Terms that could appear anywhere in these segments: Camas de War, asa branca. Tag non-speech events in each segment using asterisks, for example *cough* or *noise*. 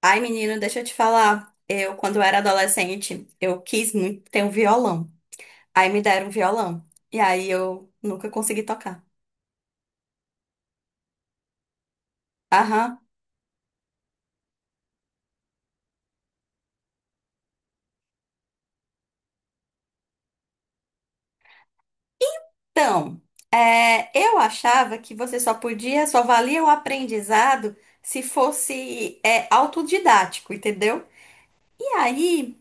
Ai, menino, deixa eu te falar. Eu, quando eu era adolescente, eu quis muito ter um violão. Aí me deram um violão. E aí eu nunca consegui tocar. Aham. Então, eu achava que você só podia, só valia o aprendizado se fosse, autodidático, entendeu? E aí,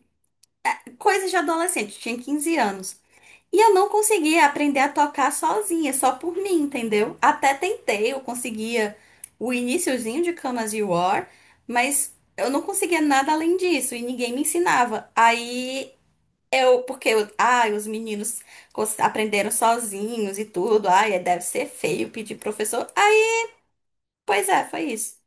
coisa de adolescente, tinha 15 anos. E eu não conseguia aprender a tocar sozinha, só por mim, entendeu? Até tentei, eu conseguia o iniciozinho de Camas de War, mas eu não conseguia nada além disso e ninguém me ensinava. Aí eu, porque eu, ai, os meninos aprenderam sozinhos e tudo, ai, deve ser feio pedir professor. Aí, pois é, foi isso.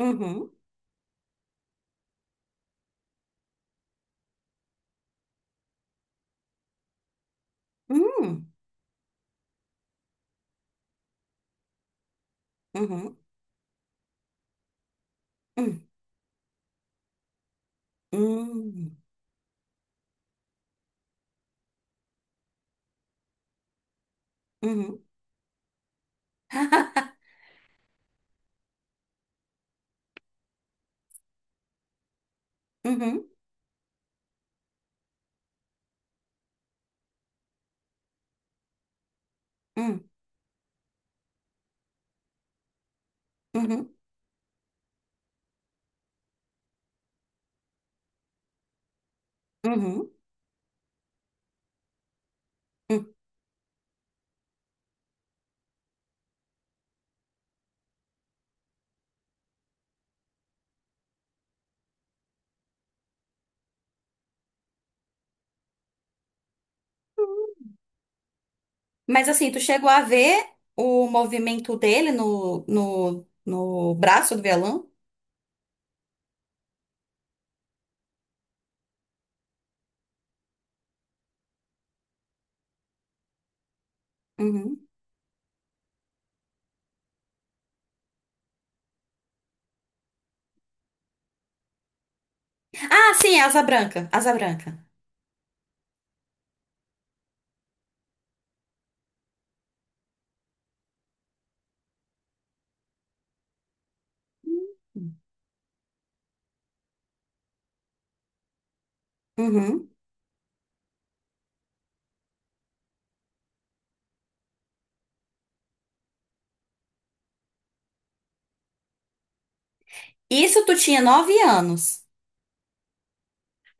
Uhum, uhum, uhum, uhum, uhum, uhum, uhum, uhum, uhum, uhum, uhum. Mas assim, tu chegou a ver o movimento dele no braço do violão? Uhum. Ah, sim, é asa branca, asa branca. Uhum. Isso tu tinha 9 anos.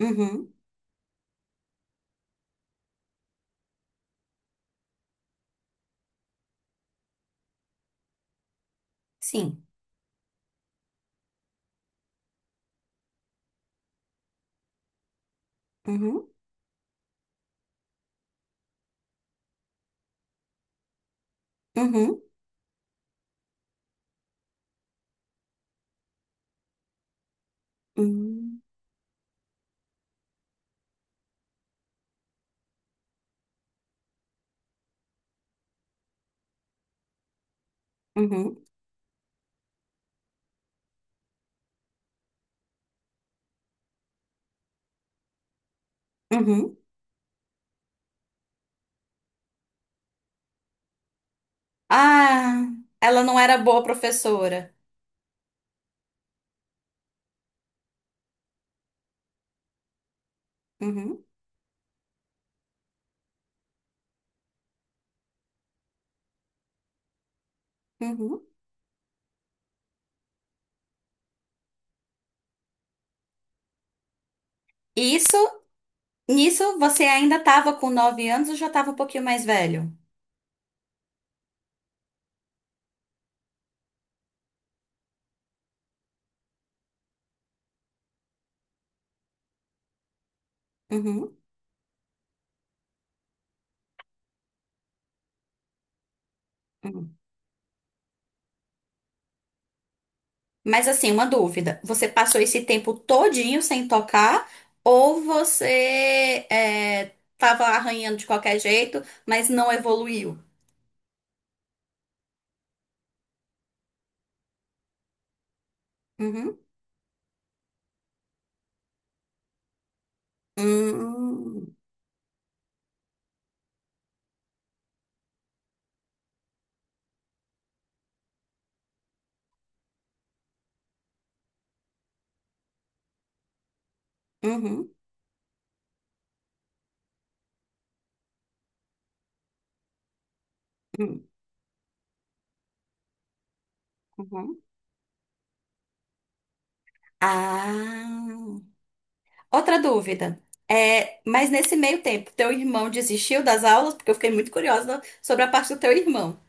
Uhum. Sim. Uhum. Uhum. Uhum. Uhum. Uhum. Ah, ela não era boa professora. Uhum. Uhum. Isso, nisso você ainda estava com 9 anos ou já estava um pouquinho mais velho? Uhum. Uhum. Mas assim, uma dúvida. Você passou esse tempo todinho sem tocar ou tava arranhando de qualquer jeito, mas não evoluiu? Uhum. Hum, uhum, hum, uhum. Ah, outra dúvida. É, mas nesse meio tempo, teu irmão desistiu das aulas? Porque eu fiquei muito curiosa sobre a parte do teu irmão.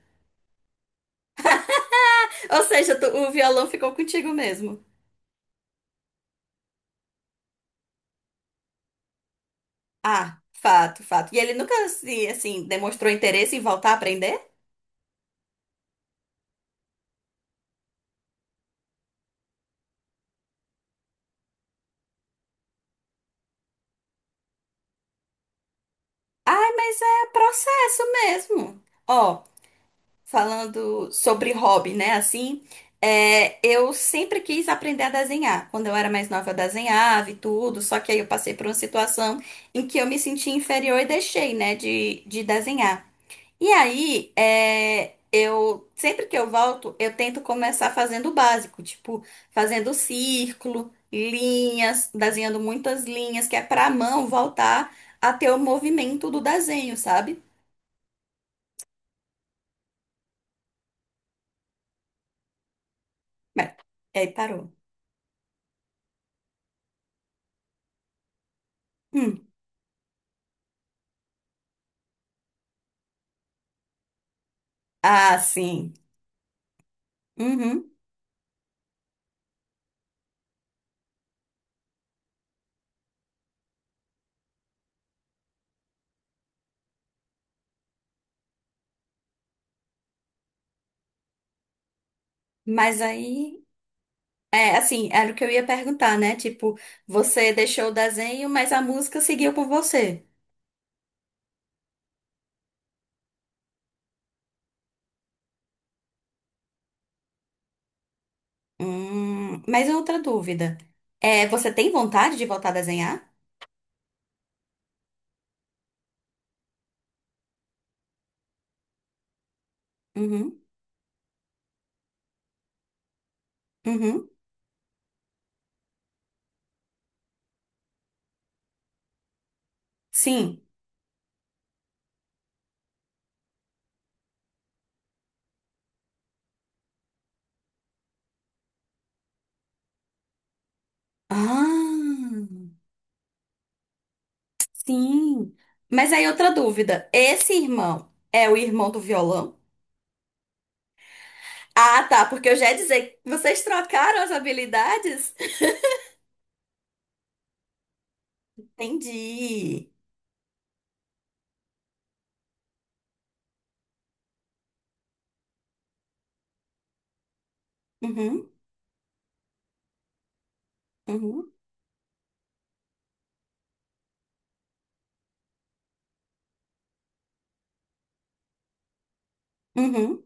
*laughs* Ou seja, o violão ficou contigo mesmo. Ah, fato, fato. E ele nunca, se, assim, demonstrou interesse em voltar a aprender? Ai, mas é processo mesmo. Ó, falando sobre hobby, né? Assim, eu sempre quis aprender a desenhar. Quando eu era mais nova, eu desenhava e tudo, só que aí eu passei por uma situação em que eu me senti inferior e deixei, né, de desenhar. E aí, eu sempre que eu volto, eu tento começar fazendo o básico, tipo, fazendo círculo, linhas, desenhando muitas linhas, que é pra mão voltar a ter o movimento do desenho, sabe? Mas, aí parou. Hum. Ah, sim. Uhum. Mas aí, é assim, era o que eu ia perguntar, né? Tipo, você deixou o desenho, mas a música seguiu com você. Mas outra dúvida. Você tem vontade de voltar a desenhar? Uhum. Uhum. Sim. Ah, sim. Mas aí outra dúvida. Esse irmão é o irmão do violão? Ah, tá, porque eu já ia dizer que vocês trocaram as habilidades? *laughs* Entendi. Uhum, uhum, uhum.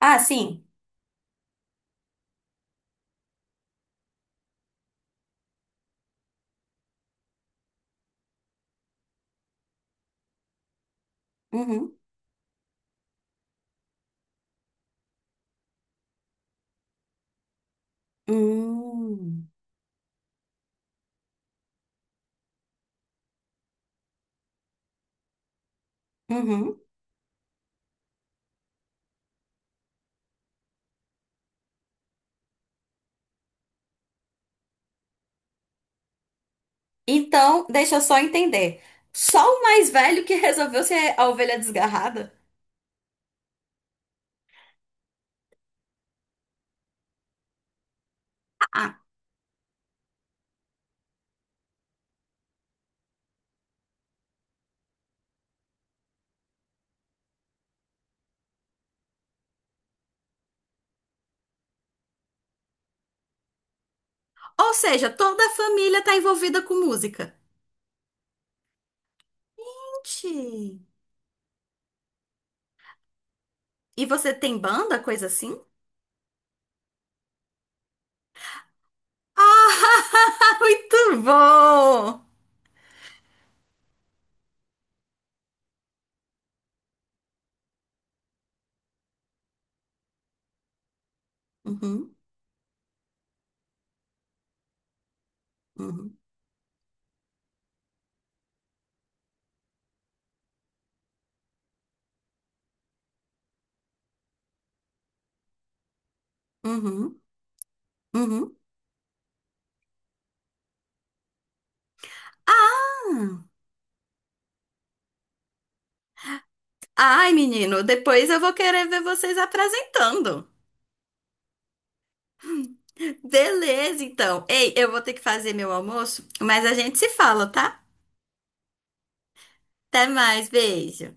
Ah, sim. Uhum, hum, uhum. Então, deixa eu só entender. Só o mais velho que resolveu ser a ovelha desgarrada? Ah, ou seja, toda a família tá envolvida com música. Gente. E você tem banda, coisa assim? Ah, *laughs* muito bom! Uhum, uhum, uhum, uhum. Ah! Ai, menino, depois eu vou querer ver vocês apresentando. Beleza, então. Ei, eu vou ter que fazer meu almoço, mas a gente se fala, tá? Até mais, beijo.